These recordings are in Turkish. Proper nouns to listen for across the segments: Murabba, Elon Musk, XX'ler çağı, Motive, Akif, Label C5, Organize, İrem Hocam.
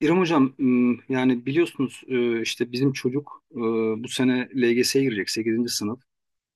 İrem Hocam yani biliyorsunuz, işte bizim çocuk bu sene LGS'ye girecek sekizinci sınıf.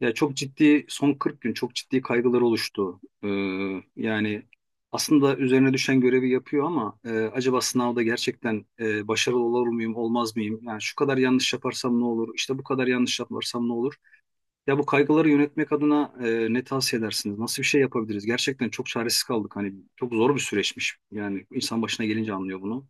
Ya çok ciddi son 40 gün çok ciddi kaygılar oluştu. Yani aslında üzerine düşen görevi yapıyor ama acaba sınavda gerçekten başarılı olur muyum olmaz mıyım? Yani şu kadar yanlış yaparsam ne olur? İşte bu kadar yanlış yaparsam ne olur? Ya bu kaygıları yönetmek adına ne tavsiye edersiniz? Nasıl bir şey yapabiliriz? Gerçekten çok çaresiz kaldık. Hani çok zor bir süreçmiş. Yani insan başına gelince anlıyor bunu.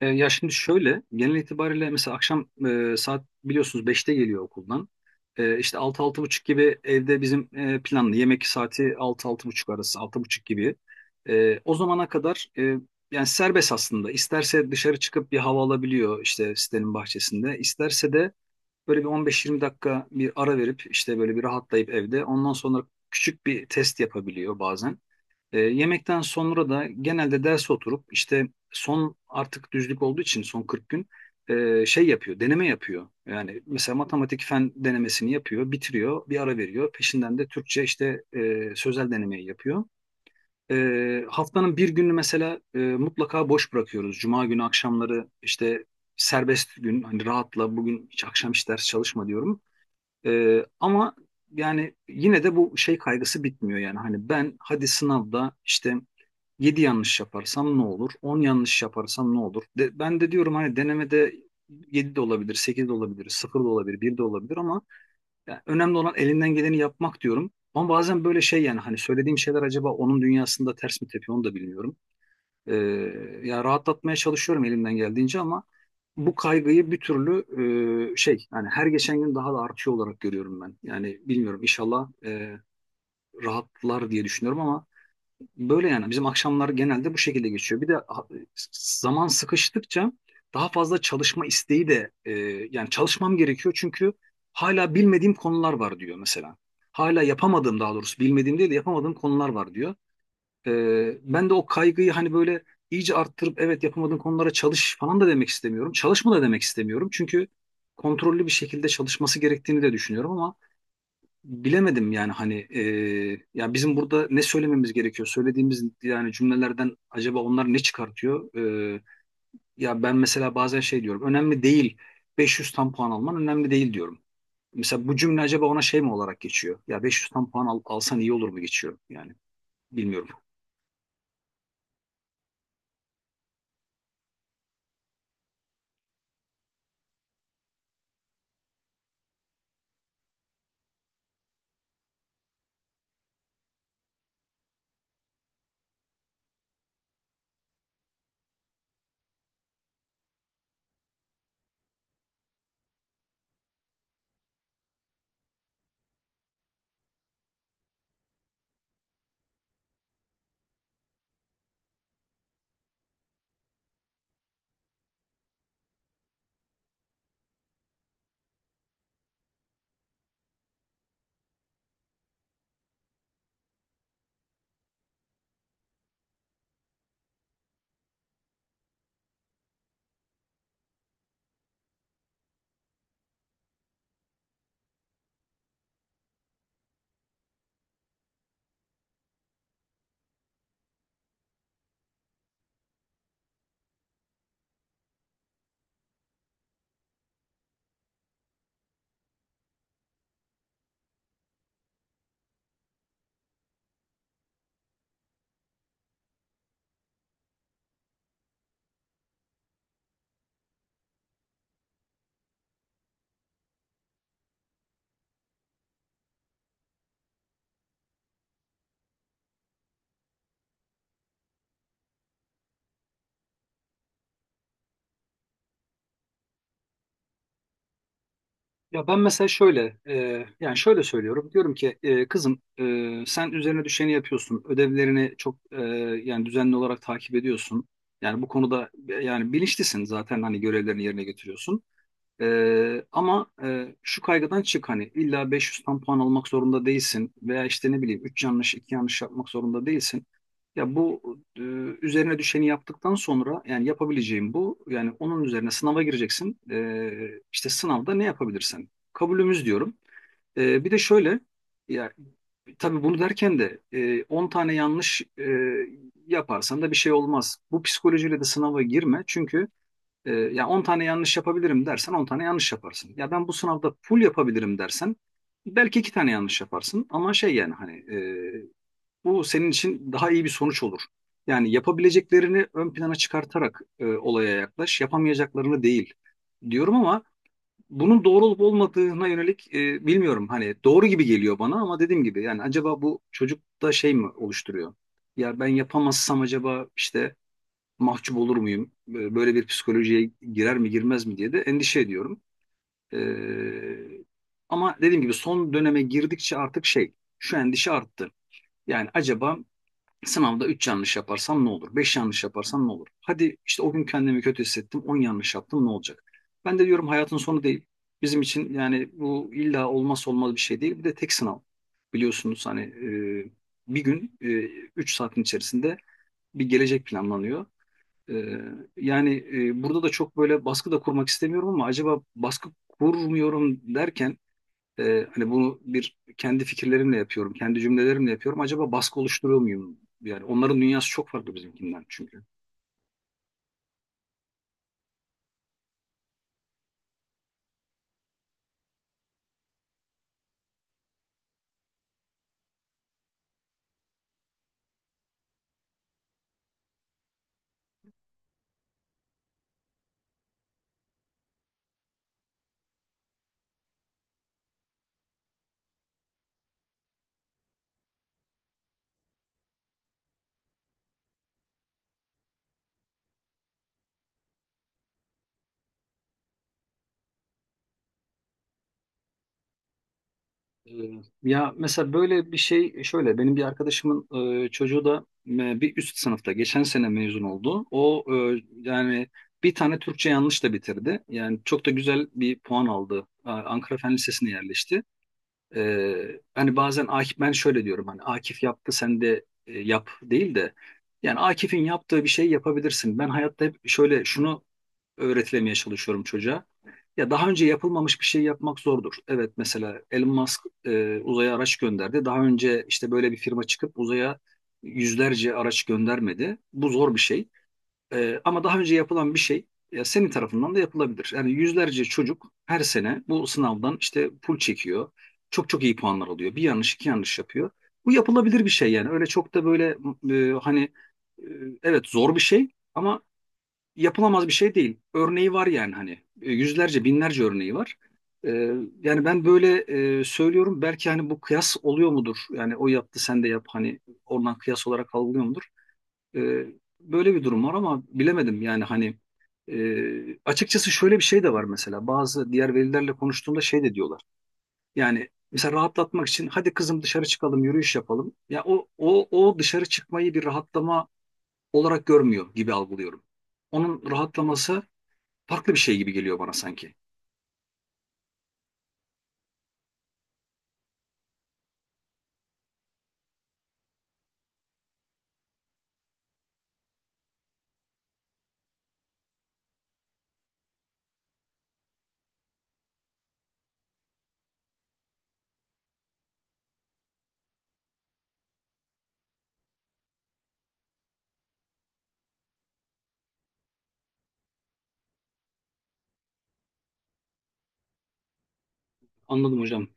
Ya şimdi şöyle genel itibariyle mesela akşam saat biliyorsunuz beşte geliyor okuldan. İşte altı altı buçuk gibi evde bizim planlı yemek saati altı altı buçuk arası altı buçuk gibi. O zamana kadar yani serbest aslında. İsterse dışarı çıkıp bir hava alabiliyor işte sitenin bahçesinde. İsterse de böyle bir 15-20 dakika bir ara verip işte böyle bir rahatlayıp evde ondan sonra küçük bir test yapabiliyor bazen. Yemekten sonra da genelde ders oturup işte son artık düzlük olduğu için son 40 gün şey yapıyor, deneme yapıyor. Yani mesela matematik fen denemesini yapıyor, bitiriyor, bir ara veriyor. Peşinden de Türkçe işte sözel denemeyi yapıyor. Haftanın bir günü mesela mutlaka boş bırakıyoruz. Cuma günü akşamları işte serbest gün hani rahatla bugün hiç akşam hiç ders çalışma diyorum. Ama yani yine de bu şey kaygısı bitmiyor yani hani ben hadi sınavda işte 7 yanlış yaparsam ne olur? On yanlış yaparsam ne olur? De, ben de diyorum hani denemede 7 de olabilir, 8 de olabilir, sıfır da olabilir, bir de olabilir ama yani önemli olan elinden geleni yapmak diyorum. Ama bazen böyle şey yani hani söylediğim şeyler acaba onun dünyasında ters mi tepiyor onu da bilmiyorum. Ee, Yani rahatlatmaya çalışıyorum elimden geldiğince ama bu kaygıyı bir türlü şey yani her geçen gün daha da artıyor olarak görüyorum ben. Yani bilmiyorum inşallah rahatlar diye düşünüyorum ama böyle yani bizim akşamlar genelde bu şekilde geçiyor. Bir de zaman sıkıştıkça daha fazla çalışma isteği de, yani çalışmam gerekiyor çünkü hala bilmediğim konular var diyor mesela. Hala yapamadığım daha doğrusu bilmediğim değil de yapamadığım konular var diyor. Ben de o kaygıyı hani böyle iyice arttırıp evet yapamadığın konulara çalış falan da demek istemiyorum. Çalışma da demek istemiyorum. Çünkü kontrollü bir şekilde çalışması gerektiğini de düşünüyorum ama bilemedim yani hani ya bizim burada ne söylememiz gerekiyor? Söylediğimiz yani cümlelerden acaba onlar ne çıkartıyor? Ee, Ya ben mesela bazen şey diyorum. Önemli değil, 500 tam puan alman önemli değil diyorum. Mesela bu cümle acaba ona şey mi olarak geçiyor? Ya 500 tam puan alsan iyi olur mu geçiyor? Yani bilmiyorum. Ya ben mesela şöyle, yani şöyle söylüyorum. Diyorum ki kızım, sen üzerine düşeni yapıyorsun. Ödevlerini çok yani düzenli olarak takip ediyorsun. Yani bu konuda yani bilinçlisin zaten hani görevlerini yerine getiriyorsun. Ama şu kaygıdan çık hani illa 500'den puan almak zorunda değilsin veya işte ne bileyim 3 yanlış 2 yanlış yapmak zorunda değilsin. Ya bu e, üzerine düşeni yaptıktan sonra yani yapabileceğim bu yani onun üzerine sınava gireceksin. İşte sınavda ne yapabilirsen kabulümüz diyorum. Bir de şöyle ya tabii bunu derken de 10 tane yanlış yaparsan da bir şey olmaz. Bu psikolojiyle de sınava girme çünkü ya 10 tane yanlış yapabilirim dersen 10 tane yanlış yaparsın. Ya ben bu sınavda full yapabilirim dersen belki 2 tane yanlış yaparsın. Ama şey yani hani bu senin için daha iyi bir sonuç olur. Yani yapabileceklerini ön plana çıkartarak olaya yaklaş, yapamayacaklarını değil diyorum ama bunun doğru olup olmadığına yönelik bilmiyorum. Hani doğru gibi geliyor bana ama dediğim gibi yani acaba bu çocukta şey mi oluşturuyor? Ya ben yapamazsam acaba işte mahcup olur muyum? Böyle bir psikolojiye girer mi girmez mi diye de endişe ediyorum. Ee, Ama dediğim gibi son döneme girdikçe artık şey şu endişe arttı. Yani acaba sınavda 3 yanlış yaparsam ne olur? 5 yanlış yaparsam ne olur? Hadi işte o gün kendimi kötü hissettim 10 yanlış yaptım ne olacak? Ben de diyorum hayatın sonu değil. Bizim için yani bu illa olmazsa olmaz bir şey değil. Bir de tek sınav biliyorsunuz hani, e, bir gün, 3 saatin içerisinde bir gelecek planlanıyor. Ee, Yani burada da çok böyle baskı da kurmak istemiyorum ama acaba baskı kurmuyorum derken hani bunu bir kendi fikirlerimle yapıyorum, kendi cümlelerimle yapıyorum. Acaba baskı oluşturuyor muyum? Yani onların dünyası çok farklı bizimkinden çünkü. Ee, Ya mesela böyle bir şey şöyle benim bir arkadaşımın çocuğu da bir üst sınıfta geçen sene mezun oldu. O, yani bir tane Türkçe yanlış da bitirdi. Yani çok da güzel bir puan aldı. Ankara Fen Lisesi'ne yerleşti. Hani bazen Akif ben şöyle diyorum hani Akif yaptı sen de yap değil de yani Akif'in yaptığı bir şey yapabilirsin. Ben hayatta hep şöyle şunu öğretilemeye çalışıyorum çocuğa. Ya daha önce yapılmamış bir şey yapmak zordur. Evet mesela Elon Musk uzaya araç gönderdi. Daha önce işte böyle bir firma çıkıp uzaya yüzlerce araç göndermedi. Bu zor bir şey. Ama daha önce yapılan bir şey senin tarafından da yapılabilir. Yani yüzlerce çocuk her sene bu sınavdan işte pul çekiyor. Çok çok iyi puanlar alıyor. Bir yanlış iki yanlış yapıyor. Bu yapılabilir bir şey yani. Öyle çok da böyle e, hani e, evet zor bir şey ama yapılamaz bir şey değil. Örneği var yani hani yüzlerce binlerce örneği var. E, Yani ben böyle söylüyorum. Belki hani bu kıyas oluyor mudur? Yani o yaptı sen de yap hani oradan kıyas olarak algılıyor mudur? Ee, Böyle bir durum var ama bilemedim yani hani açıkçası şöyle bir şey de var mesela bazı diğer velilerle konuştuğumda şey de diyorlar. Yani mesela rahatlatmak için hadi kızım dışarı çıkalım yürüyüş yapalım. Ya o dışarı çıkmayı bir rahatlama olarak görmüyor gibi algılıyorum. Onun rahatlaması farklı bir şey gibi geliyor bana sanki. Anladım hocam.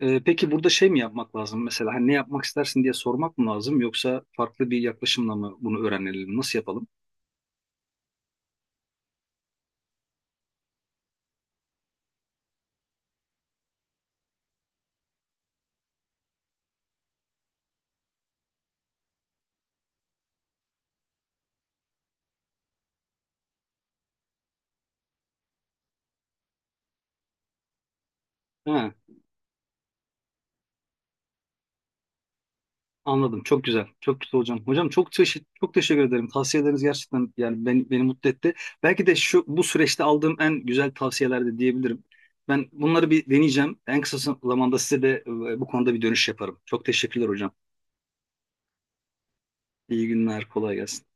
Peki burada şey mi yapmak lazım mesela hani ne yapmak istersin diye sormak mı lazım yoksa farklı bir yaklaşımla mı bunu öğrenelim nasıl yapalım? Ha. Anladım. Çok güzel. Çok güzel hocam. Hocam çok teşekkür ederim. Tavsiyeleriniz gerçekten yani beni mutlu etti. Belki de şu bu süreçte aldığım en güzel tavsiyeler de diyebilirim. Ben bunları bir deneyeceğim. En kısa zamanda size de bu konuda bir dönüş yaparım. Çok teşekkürler hocam. İyi günler. Kolay gelsin.